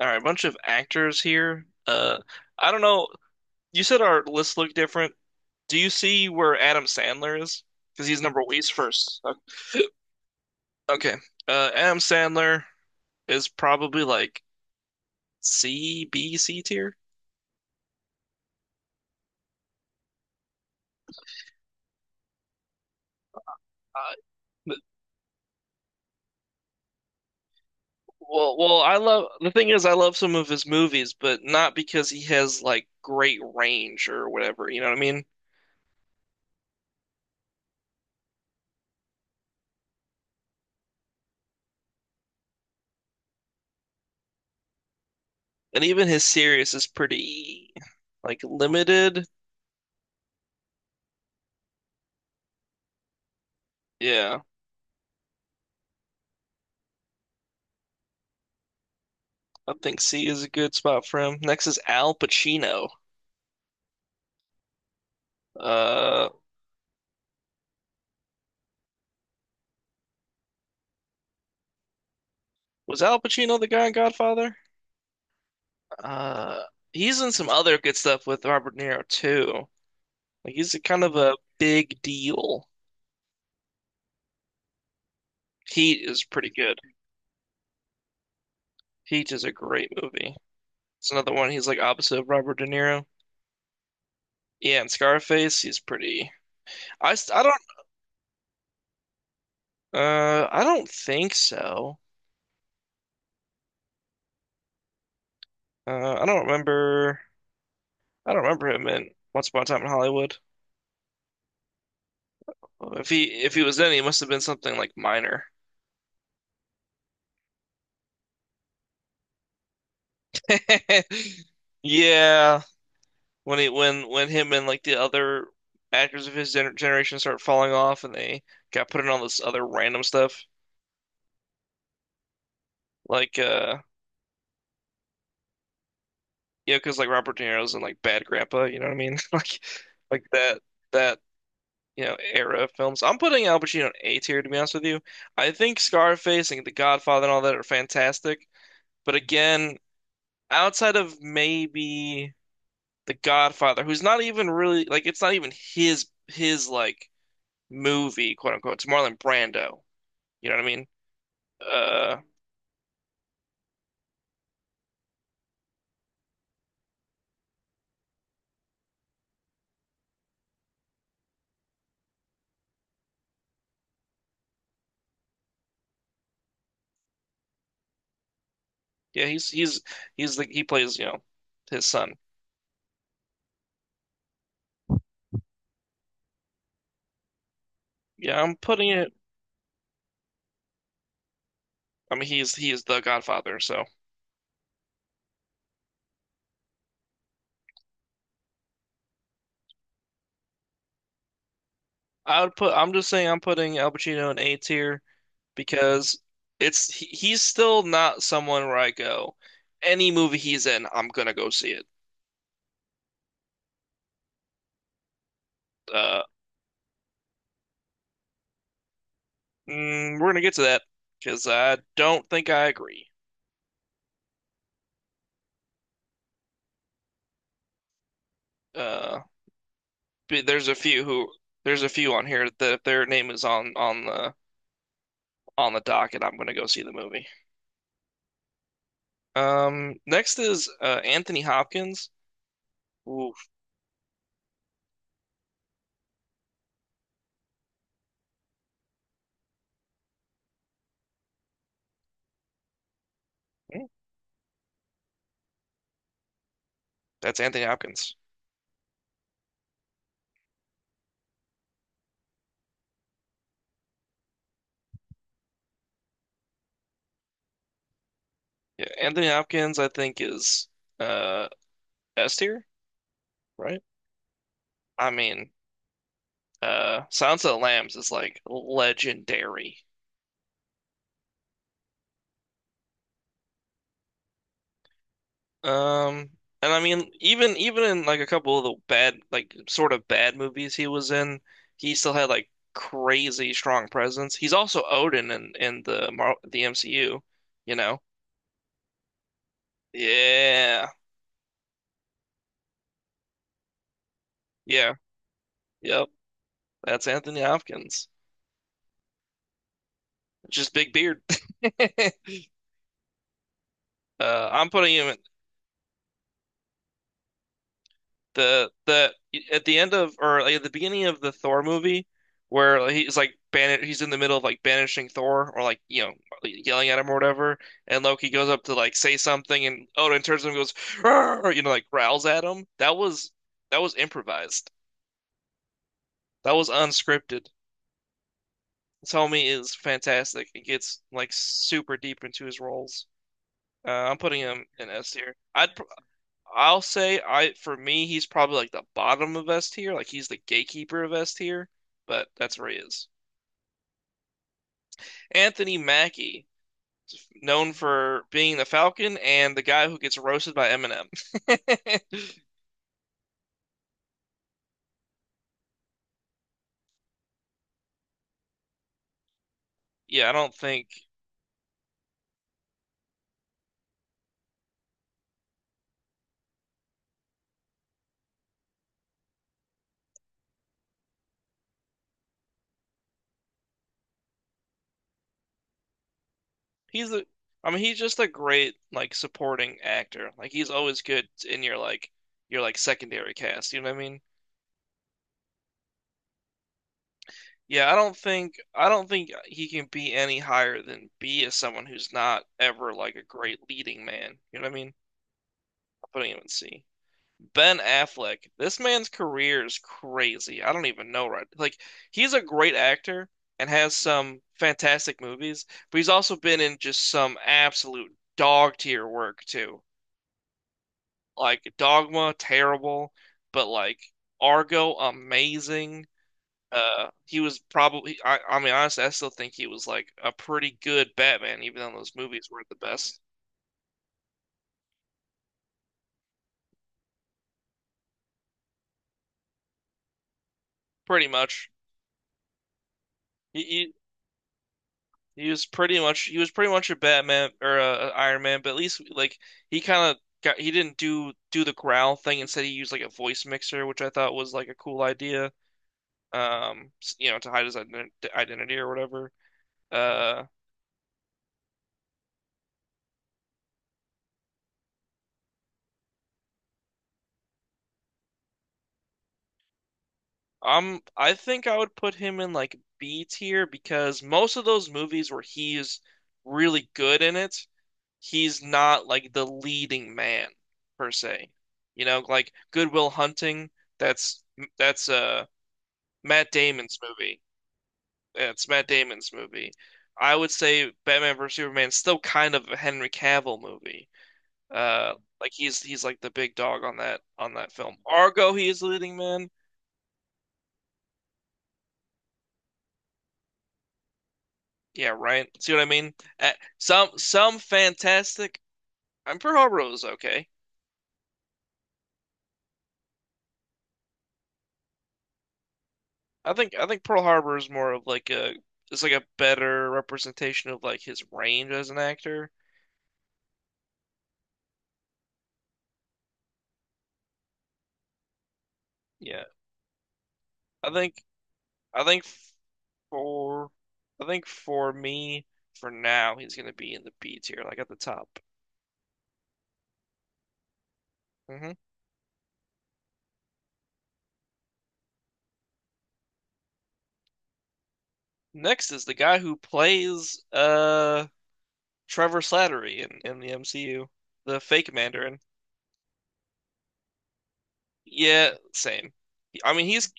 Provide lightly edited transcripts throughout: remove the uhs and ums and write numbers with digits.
All right, a bunch of actors here. I don't know. You said our lists look different. Do you see where Adam Sandler is? Because he's first. Okay. Adam Sandler is probably like C, B, C tier. Uh, th- well, I love the thing is I love some of his movies, but not because he has like great range or whatever. You know what I mean? And even his series is pretty like limited. Yeah, I think C is a good spot for him. Next is Al Pacino. Uh, was Al Pacino the guy in Godfather? Uh, he's in some other good stuff with Robert De Niro too. Like he's a kind of a big deal. Heat is pretty good. Heat is a great movie. It's another one. He's like opposite of Robert De Niro. Yeah, and Scarface, he's pretty. I don't I don't think so. I don't remember. I don't remember him in Once Upon a Time in Hollywood. Well, if he was then, he must have been something like minor. Yeah, when he when him and like the other actors of his generation start falling off, and they got put in all this other random stuff, like yeah, because like Robert De Niro's in like Bad Grandpa, you know what I mean? Like like that that you know era of films. I'm putting Al Pacino in A tier to be honest with you. I think Scarface and The Godfather and all that are fantastic, but again, outside of maybe. The Godfather, who's not even really like it's not even his like movie, quote unquote. It's Marlon Brando. You know what I mean? Uh, yeah, he's the he plays, you know, his son. Yeah, I'm putting it. I mean, he is the Godfather, so I would put. I'm just saying, I'm putting Al Pacino in A tier because it's he's still not someone where I go, any movie he's in, I'm gonna go see it. Uh, we're gonna get to that because I don't think I agree. Uh. There's a few who there's a few on here that if their name is on on the docket, I'm gonna go see the movie. Next is Anthony Hopkins. Ooh, hmm, that's Anthony Hopkins. Yeah, Anthony Hopkins, I think is uh S tier, right? I mean, Silence of the Lambs is like legendary. Um, and I mean, even in like a couple of the bad, like sort of bad movies he was in, he still had like crazy strong presence. He's also Odin in the MCU, you know? Yeah, yeah, yep. That's Anthony Hopkins. Just big beard. I'm putting him. In. The at the end of or like, at the beginning of the Thor movie where he's like ban he's in the middle of like banishing Thor or like you know yelling at him or whatever, and Loki goes up to like say something, and Odin turns to him and goes "Arr!" You know, like growls at him. That was that was improvised, that was unscripted. Tommy is fantastic, he gets like super deep into his roles. I'm putting him in S tier. I'll say I for me he's probably like the bottom of S tier, like he's the gatekeeper of S tier, but that's where he is. Anthony Mackie, known for being the Falcon and the guy who gets roasted by Eminem. Yeah, I don't think he's a I mean he's just a great like supporting actor. Like he's always good in your like secondary cast, you know what I mean? Yeah, I don't think he can be any higher than B as someone who's not ever like a great leading man. You know what I mean? Putting him in C. Ben Affleck, this man's career is crazy. I don't even know right. Like he's a great actor and has some fantastic movies, but he's also been in just some absolute dog tier work too. Like Dogma, terrible, but like Argo, amazing. He was probably, I mean, honestly, I still think he was like a pretty good Batman, even though those movies weren't the best. Pretty much. You, you, He was pretty much a Batman or a Iron Man, but at least like he kind of got he didn't do the growl thing. Instead, he used like a voice mixer, which I thought was like a cool idea. You know, to hide his identity or whatever. Uh, I'm I think I would put him in like B tier because most of those movies where he's really good in it, he's not like the leading man per se. You know, like Good Will Hunting. That's that's uh Matt Damon's movie. Yeah, it's Matt Damon's movie. I would say Batman vs Superman's still kind of a Henry Cavill movie. Like he's like the big dog on that film. Argo, he is the leading man. Yeah, right. See what I mean? Uh, some some fantastic. And Pearl Harbor was okay. I think Pearl Harbor is more of like a it's like a better representation of like his range as an actor. Yeah, I think I think For I think for me, for now, he's gonna be in the B tier, like at the top. Hmm Next is the guy who plays Trevor Slattery in the MCU, the fake Mandarin. Yeah, same. I mean, he's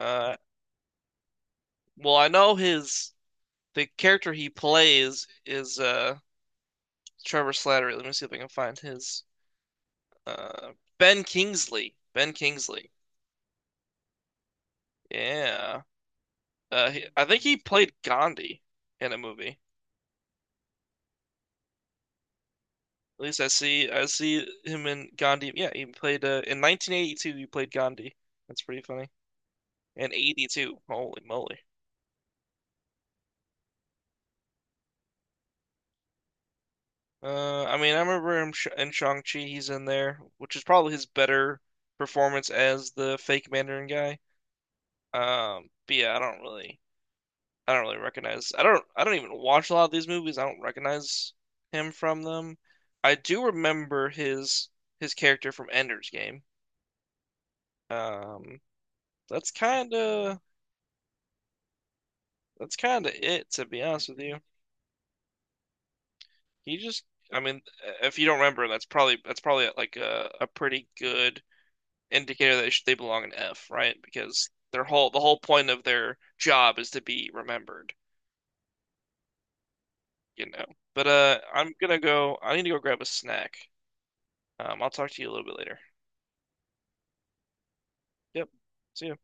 uh well, I know his the character he plays is Trevor Slattery. Let me see if I can find his uh Ben Kingsley. Ben Kingsley. Yeah. He, I think he played Gandhi in a movie. At least I see him in Gandhi. Yeah, he played in 1982. He played Gandhi. That's pretty funny. And 82. Holy moly. I mean, I remember him sh in Shang-Chi. He's in there, which is probably his better performance as the fake Mandarin guy. But yeah, I don't really recognize. I don't even watch a lot of these movies. I don't recognize him from them. I do remember his character from Ender's Game. Um, that's kind of That's kind of it, to be honest with you. He just, I mean, if you don't remember, that's probably like a pretty good indicator that they, should, they belong in F, right? Because the whole point of their job is to be remembered, you know. But I'm gonna go. I need to go grab a snack. I'll talk to you a little bit later. Yep. See ya.